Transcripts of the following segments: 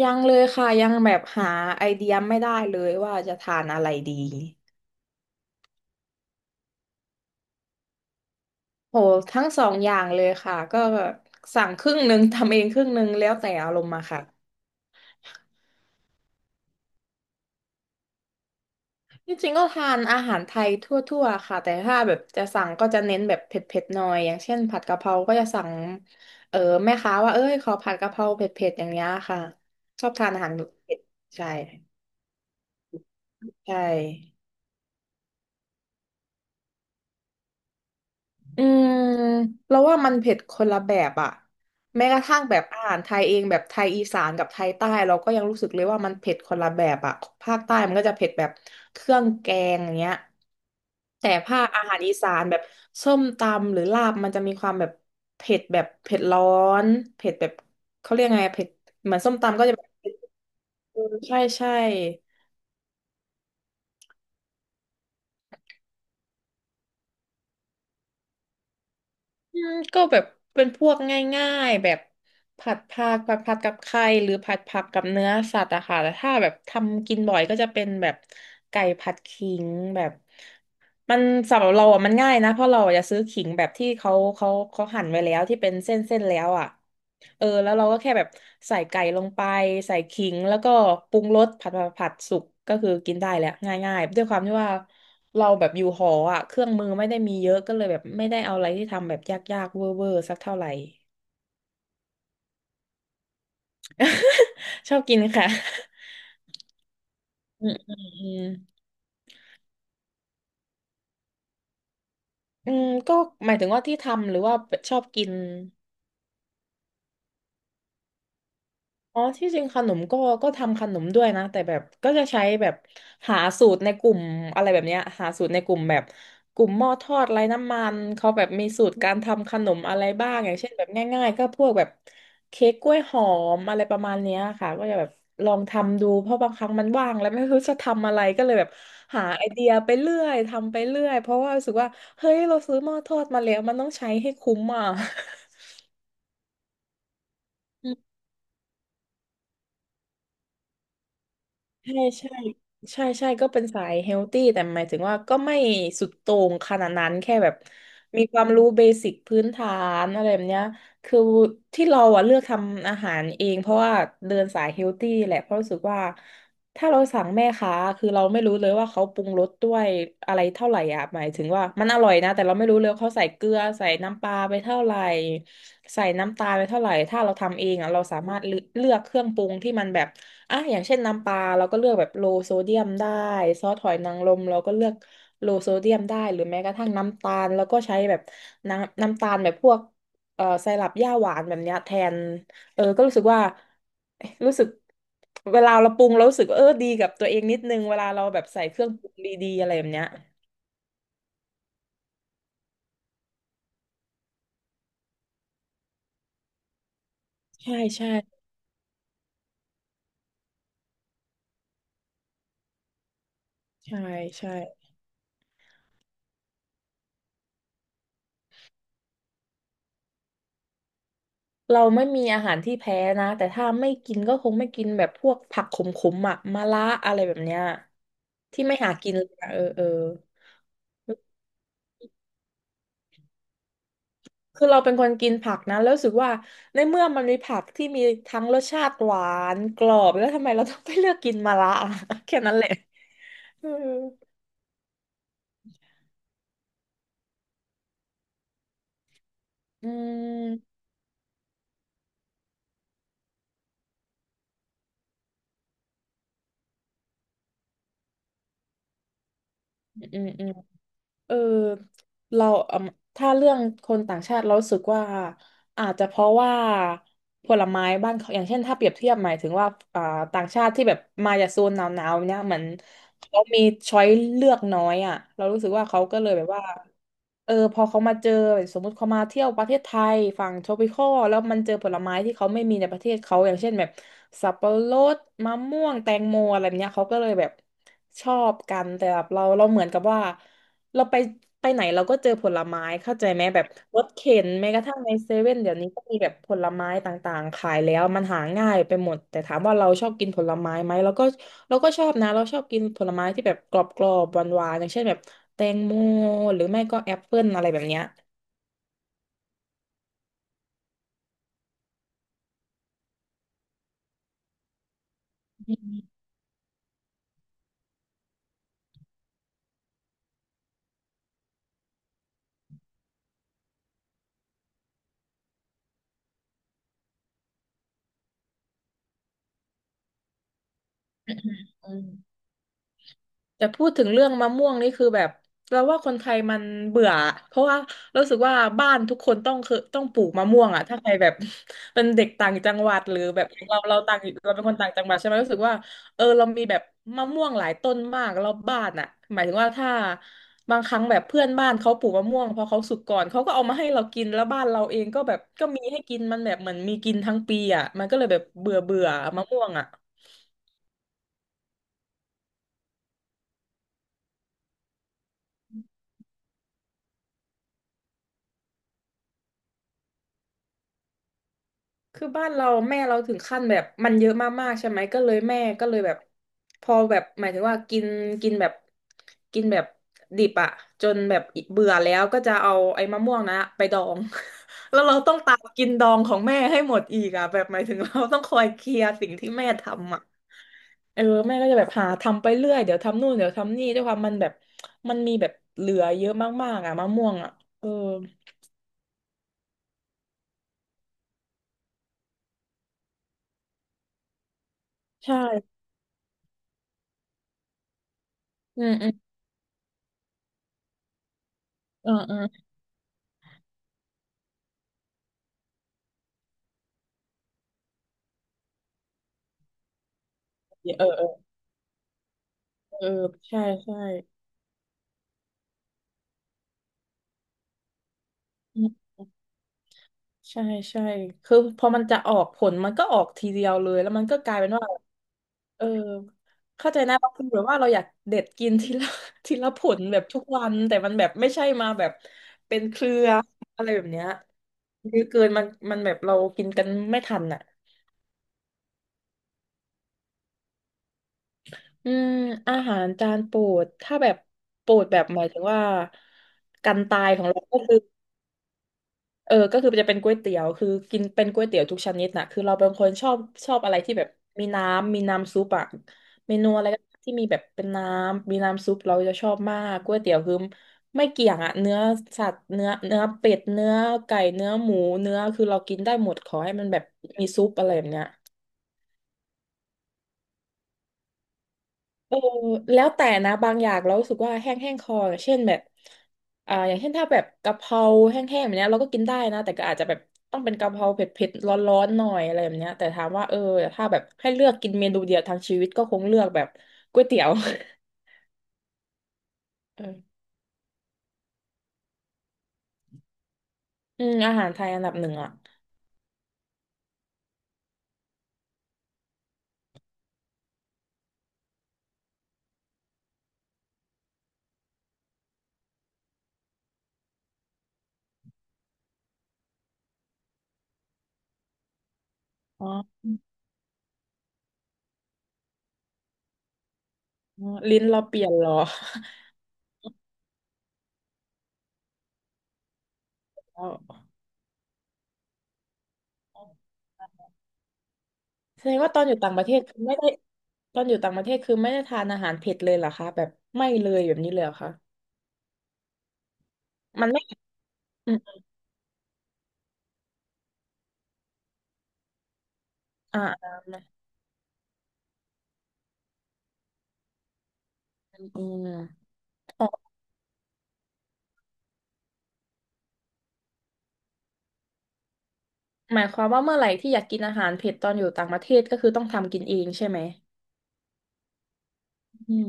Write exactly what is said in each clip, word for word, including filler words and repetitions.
ยังเลยค่ะยังแบบหาไอเดียไม่ได้เลยว่าจะทานอะไรดีโหทั้งสองอย่างเลยค่ะก็สั่งครึ่งหนึ่งทำเองครึ่งหนึ่งแล้วแต่อารมณ์มาค่ะจริงๆก็ทานอาหารไทยทั่วๆค่ะแต่ถ้าแบบจะสั่งก็จะเน้นแบบเผ็ดๆหน่อยอย่างเช่นผัดกะเพราก็จะสั่งเออแม่ค้าว่าเอ้ยขอผัดกะเพราเผ็ดๆอย่างเงี้ยค่ะชอบทานอาหารเผ็ดใช่ใช่ อืมเราว่ามันเผ็ดคนละแบบอะแม้กระทั่งแบบอาหารไทยเองแบบไทยอีสานกับไทยใต้เราก็ยังรู้สึกเลยว่ามันเผ็ดคนละแบบอะภาคใต้มันก็จะเผ็ดแบบเครื่องแกงอย่างเงี้ยแต่ภาคอาหารอีสานแบบส้มตำหรือลาบมันจะมีความแบบเผ็ดแบบเผ็ดร้อนเผ็ดแบบเขาเรียกไงอะเผ็ดเหมือนส้มตำก็จะแบบเผ็ดเออใช่ใช่ อืมก็แบบเป็นพวกง่ายๆแบบผัดผักผัดผักกับไข่หรือผัดผักกับเนื้อสัตว์อะค่ะแต่ถ้าแบบทำกินบ่อยก็จะเป็นแบบไก่ผัดขิงแบบ มันสำหรับเราอ่ะมันง่ายนะเพราะเราอะจะซื้อขิงแบบที่เขาเขาเขาหั่นไว้แล้วที่เป็นเส้นเส้นแล้วอ่ะเออแล้วเราก็แค่แบบใส่ไก่ลงไปใส่ขิงแล้วก็ปรุงรสผัดผัดผัดสุกก็คือกินได้แหละง่ายๆด้วยความที่ว่าเราแบบอยู่หออ่ะเครื่องมือไม่ได้มีเยอะก็เลยแบบไม่ได้เอาอะไรที่ทำแบบยากๆเวอร์เวอร์สักเท่าไหร่ ชอบกินค่ะอืมอืมอืมอืมก็หมายถึงว่าที่ทำหรือว่าชอบกิน อ๋อที่จริงขนมก็ก็ทำขนมด้วยนะ แต่แบบก็จะใช้แบบหาสูตรในกลุ่มอะไรแบบเนี้ยหาสูตรในกลุ่มแบบกลุ่มหม้อทอดไร้น้ำมันเขาแบบมีสูตรการทำขนมอะไรบ้าง อย่างเช่นแบบง่ายๆก็พวกแบบเค้กกล้วยหอมอะไรประมาณเนี้ยค่ะก็จะแบบลองทำดูเพราะบางครั้งมันว่างแล้วไม่รู้จะทำอะไรก็เลยแบบหาไอเดียไปเรื่อยทำไปเรื่อยเพราะว่ารู้สึกว่าเฮ้ยเราซื้อหม้อทอดมาแล้วมันต้องใช้ให้คุ้มอ่ะ ใช่ใช่ใช่ใช่ก็เป็นสายเฮลตี้แต่หมายถึงว่าก็ไม่สุดโต่งขนาดนั้นแค่แบบมีความรู้เบสิกพื้นฐานอะไรแบบเนี้ยคือที่เราอะเลือกทำอาหารเองเพราะว่าเดินสายเฮลตี้แหละเพราะรู้สึกว่าถ้าเราสั่งแม่ค้าคือเราไม่รู้เลยว่าเขาปรุงรสด้วยอะไรเท่าไหร่อะหมายถึงว่ามันอร่อยนะแต่เราไม่รู้เลยว่าเขาใส่เกลือใส่น้ำปลาไปเท่าไหร่ใส่น้ำตาลไปเท่าไหร่ถ้าเราทำเองอะเราสามารถเลืเลือกเครื่องปรุงที่มันแบบ อ่ะอย่างเช่นน้ำปลาเราก็เลือกแบบโลโซเดียมได้ซอสหอยนางรมเราก็เลือกโลโซเดียมได้หรือแม้กระทั่งน้ำตาลแล้วก็ใช้แบบน้ำน้ำตาลแบบพวกเอ่อไซรัปหญ้าหวานแบบเนี้ยแทนเออก็รู้สึกว่าเอ๊ะรู้สึกเวลาเราปรุงเรารู้สึกว่าเออดีกับตัวเองนิดนึงเวลาเราแบบใส่เครื่องปรุงดีๆอะไรแบบเนี้ยใช่ใช่ใช่ใช่ เราไม่มีอาหารที่แพ้นะแต่ถ้าไม่กินก็คงไม่กินแบบพวกผักขมๆอ่ะมะระอะไรแบบเนี้ยที่ไม่หากินเลยอะเออเออคือเราเป็นคนกินผักนะแล้วรู้สึกว่าในเมื่อมันมีผักที่มีทั้งรสชาติหวานกรอบแล้วทำไมเราต้องไปเลือกกินมะระอะ แค่นั้นแหละเอออืมอืมอืม เออเราอืมถ้าเรื่องคนต่างชาติเรารู้สึกว่าอาจจะเพราะว่าผลไม้บ้านเขาอย่างเช่นถ้าเปรียบเทียบหมายถึงว่าอ่าต่างชาติที่แบบมาจากโซนหนาวๆเนี่ยเหมือนเขามีช้อยเลือกน้อยอ่ะเรารู้สึกว่าเขาก็เลยแบบว่าเออพอเขามาเจอสมมติเขามาเที่ยวประเทศไทยฝั่ง tropical แล้วมันเจอผลไม้ที่เขาไม่มีในประเทศเขาอย่างเช่นแบบสับปะรดมะม่วงแตงโมอะไรแบบเนี้ยเขาก็เลยแบบชอบกันแต่แบบเราเราเหมือนกับว่า เราไปไปไหนเราก็เจอผลไม้เข้าใจไหมแบบรถเข็นแม้กระทั่งในเซเว่นเดี๋ยวนี้ก็มีแบบผลไม้ต่างๆขายแล้วมันหาง่ายไปหมดแต่ถามว่าเราชอบกินผลไม้ไหมเราก็เราก็ชอบนะเราชอบกินผลไม้ที่แบบกรอบๆหวานๆอย่างเช่นแบบแตงโมหรือไม่ก็แอปเปิ้ลอะไรแบบเนี้ยอืม แต่พูดถึงเรื่องมะม่วงนี่คือแบบเราว่าคนไทยมันเบื่อเพราะว่ารู้สึกว่าบ้านทุกคนต้องคือต้องปลูกมะม่วงอ่ะถ้าใครแบบ เป็นเด็กต่างจังหวัดหรือแบบอย่างเราเราต่างเราเป็นคนต่างจังหวัดใช่ไหมรู้สึกว่าเออเรามีแบบมะม่วงหลายต้นมากรอบบ้านอ่ะหมายถึงว่าถ้าบางครั้งแบบเพื่อนบ้านเขาปลูกมะม่วงพอเขาสุกก่อนเขาก็เอามาให้เรากินแล้วบ้านเราเองก็แบบก็มีให้กินมันแบบเหมือนมีกินทั้งปีอ่ะมันก็เลยแบบเบื่อเบื่อมะม่วงอ่ะ คือบ้านเราแม่เราถึงขั้นแบบมันเยอะมากๆใช่ไหมก็เลยแม่ก็เลยแบบพอแบบหมายถึงว่ากินกินแบบกินแบบดิบอะจนแบบเบื่อแล้วก็จะเอาไอ้มะม่วงนะไปดอง แล้วเราต้องตามกินดองของแม่ให้หมดอีกอะแบบหมายถึงเราต้องคอยเคลียร์สิ่งที่แม่ทำอะเออแม่ก็จะแบบหาทำไปเรื่อยเดี๋ยวทำนู่นเดี๋ยวทำนี่ด้วยความมันแบบมันมีแบบเหลือเยอะมากๆอะมะม่วงอะเออใช่อืมอืมเออเออเออเออเออใช่ใช่ อืมใช่ใช่คือพอมันจะออกผลมันก็ออกทีเดียวเลยแล้วมันก็กลายเป็นว่าเออเข้าใจนะบางคนแบบว่าเราอยากเด็ดกินทีละ ทีละผลแบบทุกวันแต่มันแบบไม่ใช่มาแบบเป็นเครืออะไรแบบเนี้ยเยอะเกินมันมันแบบเรากินกันไม่ทันอ่ะอืมอาหารจานโปรดถ้าแบบโปรดแบบหมายถึงว่าการตายของเราก็คือ เออก็คือจะเป็นก๋วยเตี๋ยวคือกินเป็นก๋วยเตี๋ยวทุกชนิดน่ะคือเราเป็นคนชอบชอบอะไรที่แบบมีน้ำมีน้ำซุปอะเมนูอะไรก็ที่มีแบบเป็นน้ำมีน้ำซุปเราจะชอบมากก๋วยเตี๋ยวคือไม่เกี่ยงอะเนื้อสัตว์เนื้อเนื้อเป็ดเนื้อไก่เนื้อหมูเนื้อคือเรากินได้หมดขอให้มันแบบมีซุปอะไรแบบเนี้ย เออแล้วแต่นะบางอย่างเรารู้สึกว่าแห้งแห้งคออย่างเช่นแบบอ่าอย่างเช่นถ้าแบบกะเพราแห้งๆแบบเนี้ยเราก็กินได้นะแต่ก็อาจจะแบบต้องเป็นกะเพราเผ็ดๆร้อนๆหน่อยอะไรแบบเนี้ยแต่ถามว่าเออถ้าแบบให้เลือกกินเมนูเดียวทางชีวิตก็คงเลือกแบบก๋วยเตี๋ยว เอออืมอาหารไทยอันดับหนึ่งอ่ะอ๋อ อ๋อลิ้นเราเปลี่ยนเหรอ แล้ว แสดงว่าตอนอยู่ต่างประเทศคือไม่ได้ตอนอยู่ต่างประเทศคือไม่ได้ทานอาหารเผ็ดเลยเหรอคะแบบไม่เลยแบบนี้เลยเหรอคะมันไม่ อ่าอ่าอืมอ๋อหมายความว่าเมื่อไหร่ที่อยากกินอาหารเผ็ดตอนอยู่ต่างประเทศก็คือต้องทำกินเองใช่ไหมอืม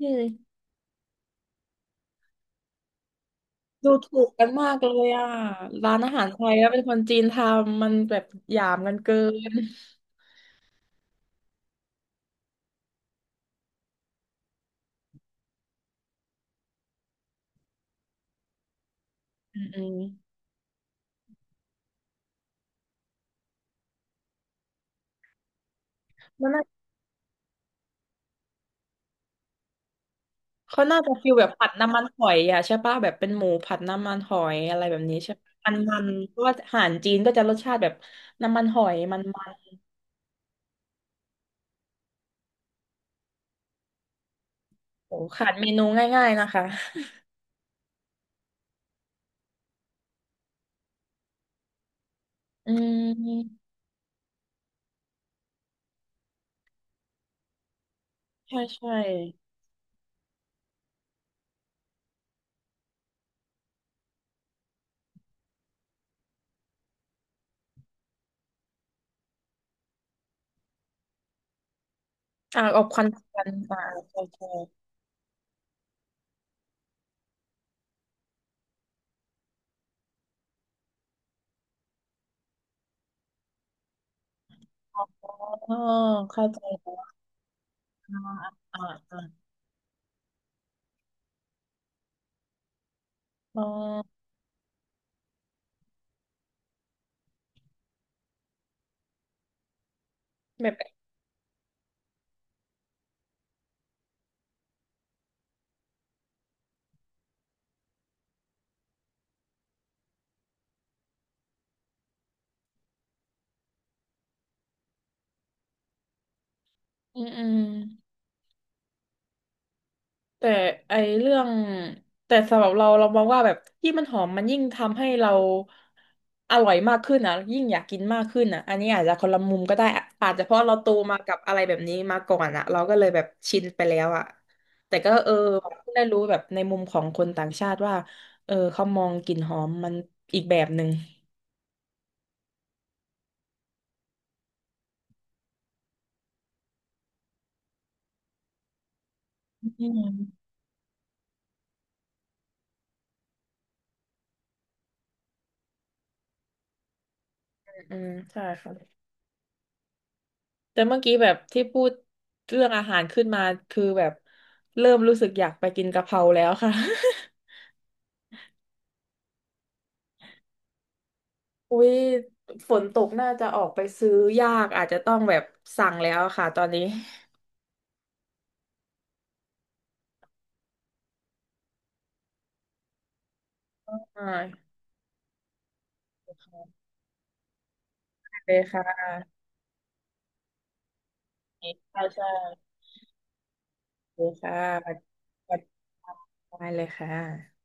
อืมดูถูกกันมากเลยอ่ะร้านอาหารไทยแล้วเป็นคนจีนทำมันแบบหยามกันเกินอืมอืมมันน่าเขาน่าจะฟิลแบบผัดน้ำมันหอยอ่ะใช่ปะแบบเป็นหมูผัดน้ำมันหอยอะไรแบบนี้ใช่ปะมันมันเพราะว่าอาหารจีนก็จะรสชาติแบบน้ำมันหอยมันมันโอ้ขาดเมนูง่ายๆนะคะอืมใช่ใช่ อ่าอบควันควันอ่าใช่ใช่อ๋อเข้าใจแล้วอ่าอ่าอ่าอ๋อแบบอืมอืมแต่ไอเรื่อง แต่สำหรับเราเรามองว่าแบบที่งมันหอมมันยิ่งทำให้เราอร่อยมากขึ้นอ่ะยิ่งอยากกินมากขึ้นอ่ะอันนี้อาจจะคนละมุมก็ได้อะอาจจะเพราะเราโตมากับอะไรแบบนี้มาก่อนอ่ะเราก็เลยแบบชินไปแล้วอ่ะแต่ก็เออได้รู้แบบในมุมของคนต่างชาติว่าเออเขามองกลิ่นหอมมันอีกแบบหนึ่งอืม อืมใช่ค่ะแต่เมื่อกี้แบบที่พูดเรื่องอาหารขึ้นมาคือแบบเริ่มรู้สึกอยากไปกินกะเพราแล้วค่ะอุ้ยฝนตกน่าจะออกไปซื้อยากอาจจะต้องแบบสั่งแล้วค่ะตอนนี้อ่าได้เลยค่ะใช่ใช่เลยค่ะสวัสดีค่ะได้เลยค่ะ